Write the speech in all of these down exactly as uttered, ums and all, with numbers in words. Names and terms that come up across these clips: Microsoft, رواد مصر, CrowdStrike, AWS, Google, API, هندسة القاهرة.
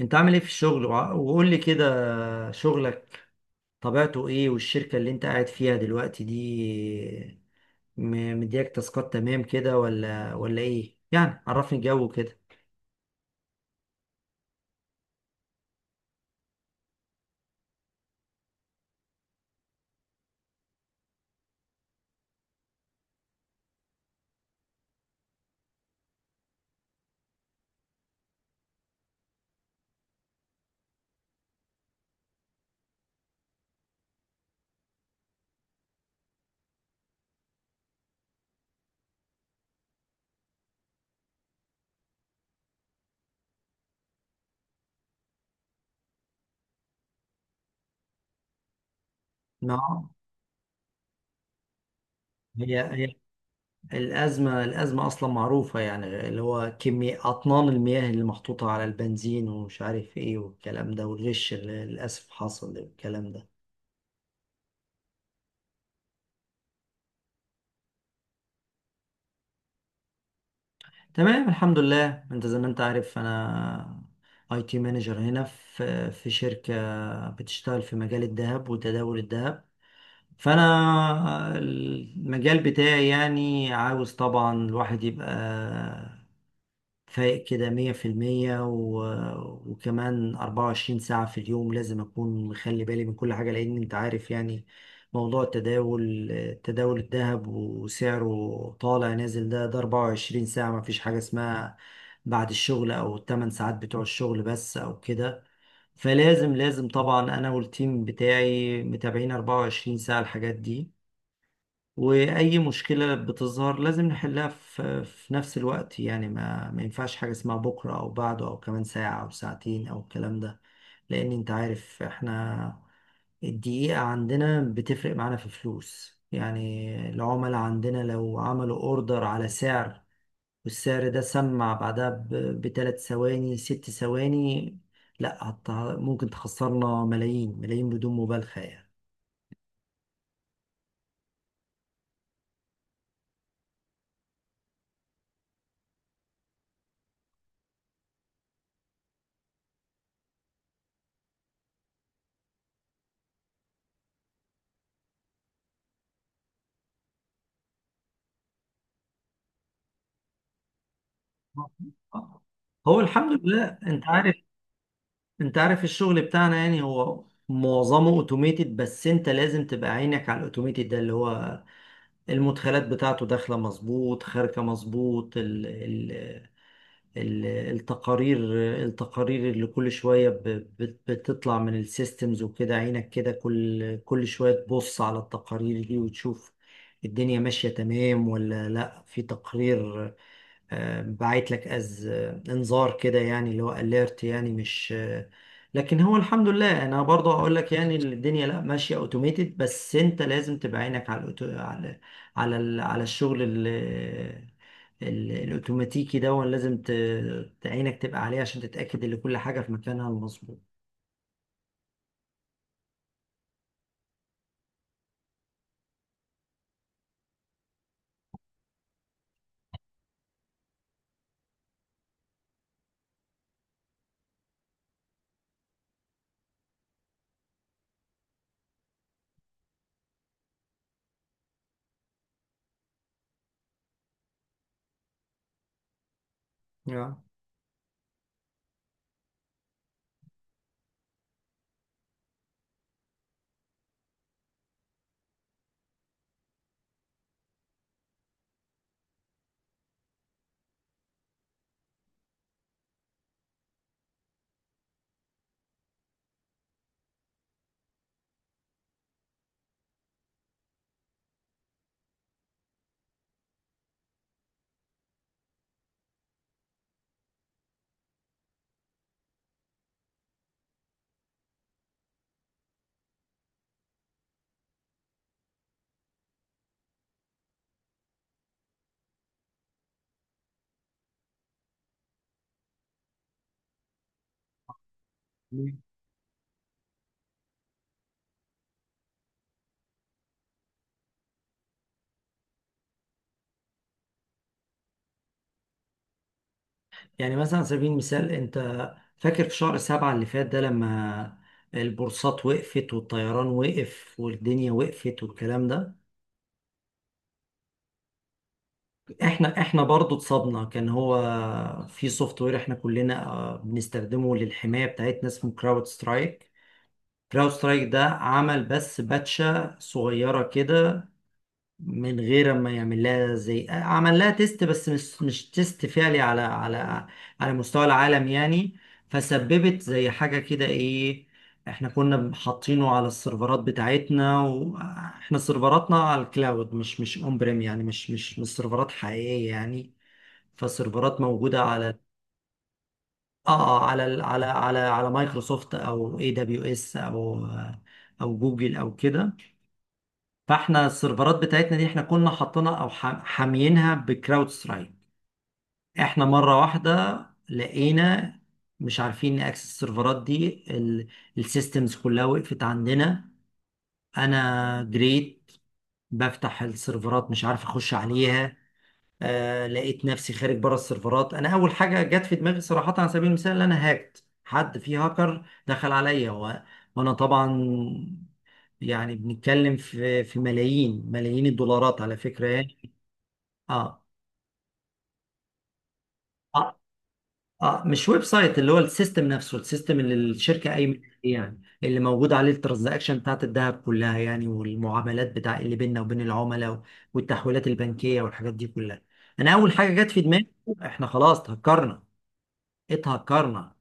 انت عامل ايه في الشغل وع- وقول لي كده شغلك طبيعته ايه؟ والشركة اللي انت قاعد فيها دلوقتي دي م- مدياك تاسكات تمام كده ولا ولا ايه يعني؟ عرفني الجو كده. ما هي هي الأزمة الأزمة أصلا معروفة، يعني اللي هو كمية أطنان المياه اللي محطوطة على البنزين ومش عارف ايه والكلام ده، والغش اللي للأسف حصل والكلام ده. تمام، الحمد لله. انت زي ما انت عارف، انا اي تي مانجر هنا في في شركة بتشتغل في مجال الذهب وتداول الذهب. فانا المجال بتاعي، يعني عاوز طبعا الواحد يبقى فايق كده مية في المية و- وكمان أربعة وعشرين ساعة في اليوم، لازم أكون مخلي بالي من كل حاجة لأن أنت عارف يعني. موضوع التداول، تداول الذهب وسعره طالع نازل، ده ده أربعة وعشرين ساعة. مفيش حاجة اسمها بعد الشغل أو التمن ساعات بتوع الشغل بس أو كده. فلازم لازم طبعا أنا والتيم بتاعي متابعين أربعة وعشرين ساعة الحاجات دي، وأي مشكلة بتظهر لازم نحلها في, في نفس الوقت. يعني ما, ما ينفعش حاجة اسمها بكرة أو بعده أو كمان ساعة أو ساعتين أو الكلام ده، لأن أنت عارف إحنا الدقيقة عندنا بتفرق معانا في فلوس. يعني العملاء عندنا لو عملوا أوردر على سعر والسعر ده سمع بعدها بثلاث ثواني ست ثواني، لا هت- ممكن تخسرنا ملايين ملايين، بدون مبالغة يعني. هو الحمد لله انت عارف. انت عارف الشغل بتاعنا يعني هو معظمه اوتوميتد، بس انت لازم تبقى عينك على الاوتوميتد ده. اللي هو المدخلات بتاعته داخله مظبوط خارجه مظبوط، ال ال ال التقارير التقارير اللي كل شويه ب- بت- بتطلع من السيستمز وكده، عينك كده كل كل شويه تبص على التقارير دي وتشوف الدنيا ماشيه تمام ولا لا. في تقرير آه، بعت لك از آه، انذار كده، يعني اللي هو اليرت يعني مش آه، لكن هو الحمد لله انا برضه اقول لك، يعني الدنيا لا ماشيه اوتوميتد، بس انت لازم تبقى عينك على الأوتو... على على ال... على الشغل ال... ال... الاوتوماتيكي ده. لازم ت... عينك تبقى عليه عشان تتاكد ان كل حاجه في مكانها المظبوط. yeah. يعني مثلا على سبيل المثال، انت فاكر في شهر سبعة اللي فات ده لما البورصات وقفت والطيران وقف والدنيا وقفت والكلام ده؟ احنا احنا برضو اتصابنا. كان هو في سوفت وير احنا كلنا آه، بنستخدمه للحماية بتاعتنا، اسمه كراود سترايك. كراود سترايك ده عمل بس باتشة صغيرة كده من غير ما يعمل لها زي عمل لها تيست، بس مش مش تيست فعلي على على على مستوى العالم يعني. فسببت زي حاجة كده ايه، احنا كنا حاطينه على السيرفرات بتاعتنا، واحنا سيرفراتنا على الكلاود مش مش اون بريم، يعني مش مش مش سيرفرات حقيقية يعني. فالسيرفرات موجودة على اه آه، على ال- على على على مايكروسوفت او اي دبليو اس او آه، او جوجل او كده. فاحنا السيرفرات بتاعتنا دي احنا كنا حاطينها او ح- حاميينها بكراود سترايك. احنا مره واحده لقينا مش عارفين نأكسس السيرفرات دي. ال- السيستمز كلها وقفت عندنا. انا جريت بفتح السيرفرات مش عارف اخش عليها. آه لقيت نفسي خارج بره السيرفرات. انا اول حاجه جت في دماغي صراحه على سبيل المثال، ان انا هاكت. حد في هاكر دخل عليا و... وانا طبعا يعني بنتكلم في في ملايين ملايين الدولارات على فكره يعني. اه اه اه مش ويب سايت، اللي هو السيستم نفسه. السيستم اللي الشركه قايمه عليه يعني، اللي موجود عليه الترانزاكشن بتاعت الذهب كلها يعني، والمعاملات بتاع اللي بيننا وبين العملاء والتحويلات البنكيه والحاجات دي كلها. انا اول حاجه جت في دماغي احنا خلاص هكرنا، اتهكرنا،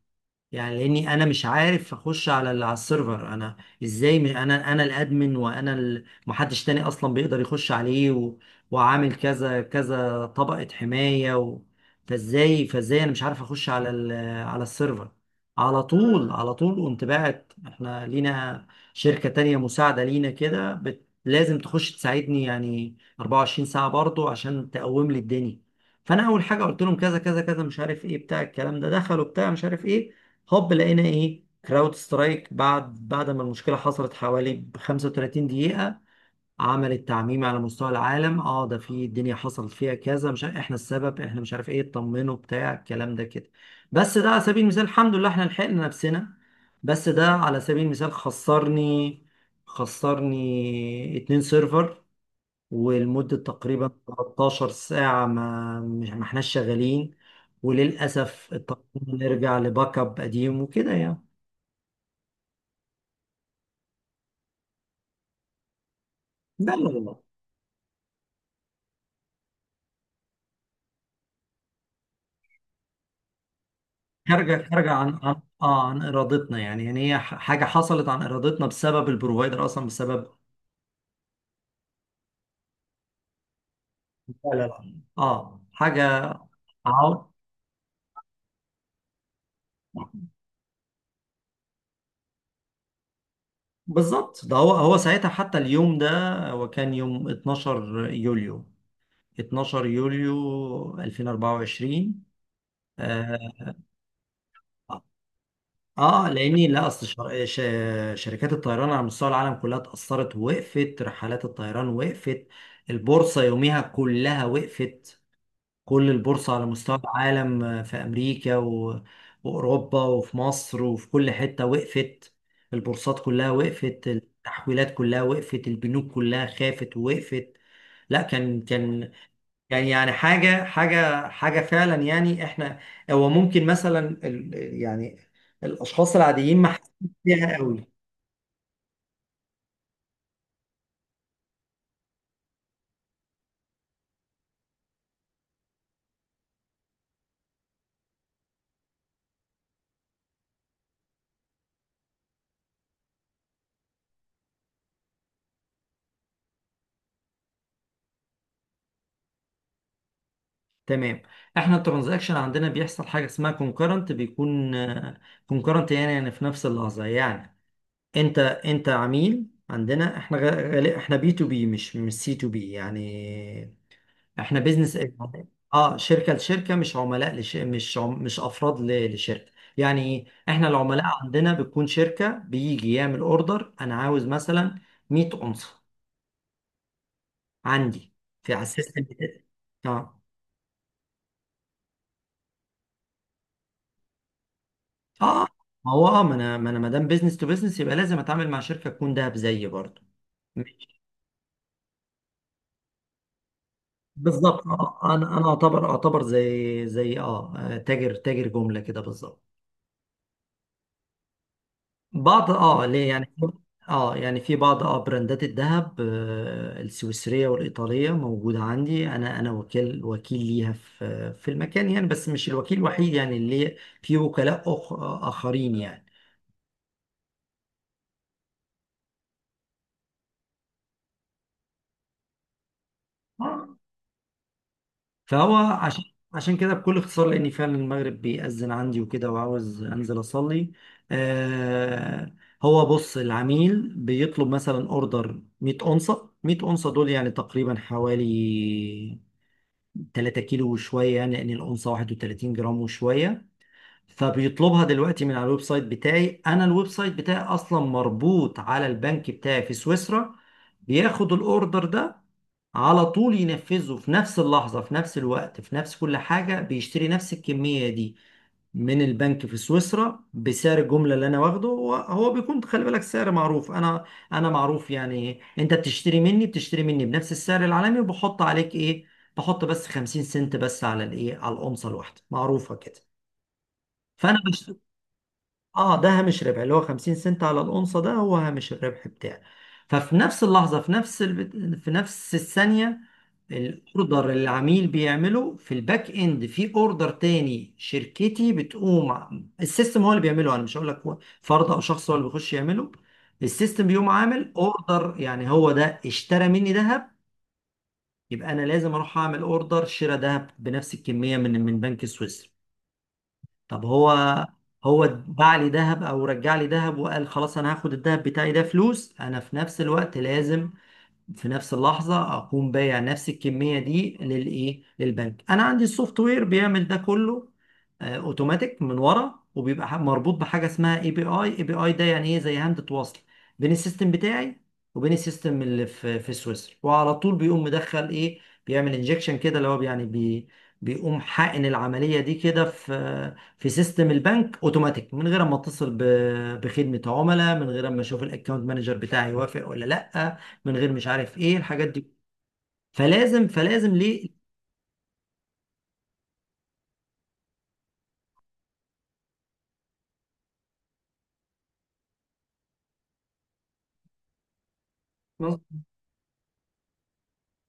يعني لاني انا مش عارف اخش على ال- على السيرفر. انا ازاي م- انا انا الادمن وانا ال- محدش تاني اصلا بيقدر يخش عليه و... وعامل كذا كذا طبقة حماية و... فازاي فازاي انا مش عارف اخش على ال... على السيرفر؟ على طول على طول قمت باعت. احنا لينا شركة تانية مساعدة لينا كده بت... لازم تخش تساعدني يعني 24 ساعة برضو عشان تقوم لي الدنيا. فانا اول حاجة قلت لهم كذا كذا كذا مش عارف ايه بتاع الكلام ده، دخلوا بتاع مش عارف ايه، هوب لقينا ايه؟ كراود سترايك بعد بعد ما المشكله حصلت حوالي ب خمسة وثلاثين دقيقة دقيقه، عملت تعميم على مستوى العالم. اه ده في الدنيا حصلت فيها كذا، مش ع- احنا السبب، احنا مش عارف ايه، اطمنوا بتاع الكلام ده كده. بس ده على سبيل المثال، الحمد لله احنا لحقنا نفسنا. بس ده على سبيل المثال خسرني خسرني اتنين سيرفر ولمدة تقريبا 13 ساعة ما مش ما احناش شغالين، وللأسف اضطرينا نرجع لباك اب قديم وكده يعني. لا لا لا، خارجة خارجة عن عن اه عن إرادتنا يعني. يعني هي ح- حاجة حصلت عن إرادتنا بسبب البروفايدر أصلا بسبب. لا لا لا، اه حاجة، عو- بالظبط ده هو. هو ساعتها حتى اليوم ده، هو كان يوم 12 يوليو، 12 يوليو ألفين وأربعة وعشرين. آه اه لاني لا اصل شر... ش... شركات الطيران على مستوى العالم كلها اتاثرت، وقفت رحلات الطيران وقفت. البورصه يوميها كلها وقفت، كل البورصه على مستوى العالم آه، في امريكا و... واوروبا وفي مصر وفي كل حته وقفت. البورصات كلها وقفت، التحويلات كلها وقفت، البنوك كلها خافت ووقفت. لا كان كان يعني، يعني حاجة حاجة حاجة فعلا يعني احنا. هو ممكن مثلا ال- يعني الأشخاص العاديين ما حاسين بيها قوي. تمام، احنا الترانزاكشن عندنا بيحصل حاجة اسمها كونكرنت. بيكون كونكرنت، يعني يعني في نفس اللحظة يعني. انت انت عميل عندنا، احنا غ- غالب- احنا بي تو بي، مش مش سي تو بي يعني، احنا بيزنس. اه شركه لشركه، مش عملاء لش... مش عم... مش افراد ل... لشركه، يعني ايه؟ احنا العملاء عندنا بتكون شركه بيجي يعمل اوردر. انا عاوز مثلا مئة اونصه عندي في على السيستم بتاعي. اه اه ما هو اه ما انا ما انا ما دام بيزنس تو بيزنس يبقى لازم اتعامل مع شركه تكون دهب زيي برضه. مش- بالظبط آه، آه، انا انا اعتبر اعتبر زي زي اه آه، تاجر تاجر جمله كده بالظبط. بعض اه ليه يعني؟ اه يعني في بعض اه براندات الذهب آه، السويسريه والايطاليه موجوده عندي. انا انا وكيل وكيل ليها في في المكان يعني، بس مش الوكيل الوحيد يعني، اللي في وكلاء أخ اخرين يعني. آه. فهو عشان عشان كده بكل اختصار، لاني فعلا المغرب بيأذن عندي وكده وعاوز انزل اصلي. آه هو بص. العميل بيطلب مثلا اوردر مية اونصه. مية اونصه دول يعني تقريبا حوالي تلات كيلو وشوية، يعني لأن الأنثى واحد وثلاثين جرام وشوية. فبيطلبها دلوقتي من على الويب سايت بتاعي. أنا الويب سايت بتاعي أصلا مربوط على البنك بتاعي في سويسرا. بياخد الأوردر ده على طول ينفذه في نفس اللحظة، في نفس الوقت، في نفس كل حاجة. بيشتري نفس الكمية دي من البنك في سويسرا بسعر الجمله اللي انا واخده هو. هو بيكون خلي بالك سعر معروف. انا انا معروف يعني، انت بتشتري مني بتشتري مني بنفس السعر العالمي، وبحط عليك ايه؟ بحط بس خمسين سنت بس على الايه، على الأونصة الواحده، معروفه كده. فانا بش... اه ده هامش ربح، اللي هو خمسين سنت على الأونصة، ده هو هامش الربح بتاعي. ففي نفس اللحظة، في نفس الب... في نفس الثانية، الاوردر اللي العميل بيعمله في الباك اند في اوردر تاني شركتي بتقوم ع- السيستم هو اللي بيعمله. انا مش هقول لك هو فرد او شخص هو اللي بيخش يعمله، السيستم بيقوم عامل اوردر. يعني هو ده اشترى مني ذهب، يبقى انا لازم اروح اعمل اوردر شراء ذهب بنفس الكمية من من بنك سويسرا. طب هو، هو باع لي ذهب او رجع لي ذهب وقال خلاص انا هاخد الذهب بتاعي ده فلوس، انا في نفس الوقت لازم في نفس اللحظة أقوم بايع نفس الكمية دي للإيه؟ للبنك. أنا عندي السوفت وير بيعمل ده كله آه، أوتوماتيك من ورا، وبيبقى ح- مربوط بحاجة اسمها اي بي اي. اي بي اي ده يعني إيه؟ زي هاندة وصل بين السيستم بتاعي وبين السيستم اللي في في سويسرا. وعلى طول بيقوم مدخل إيه؟ بيعمل انجكشن كده، اللي هو يعني بي بيقوم حقن العملية دي كده في في سيستم البنك اوتوماتيك، من غير ما اتصل ب- بخدمة عملاء، من غير ما اشوف الاكونت مانجر بتاعي يوافق ولا لا، من غير مش عارف ايه الحاجات دي. فلازم فلازم ليه.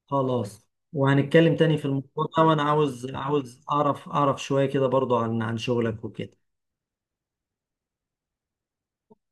خلاص، وهنتكلم تاني في الموضوع ده. وانا عاوز عاوز اعرف اعرف شوية كده برضو عن عن شغلك وكده.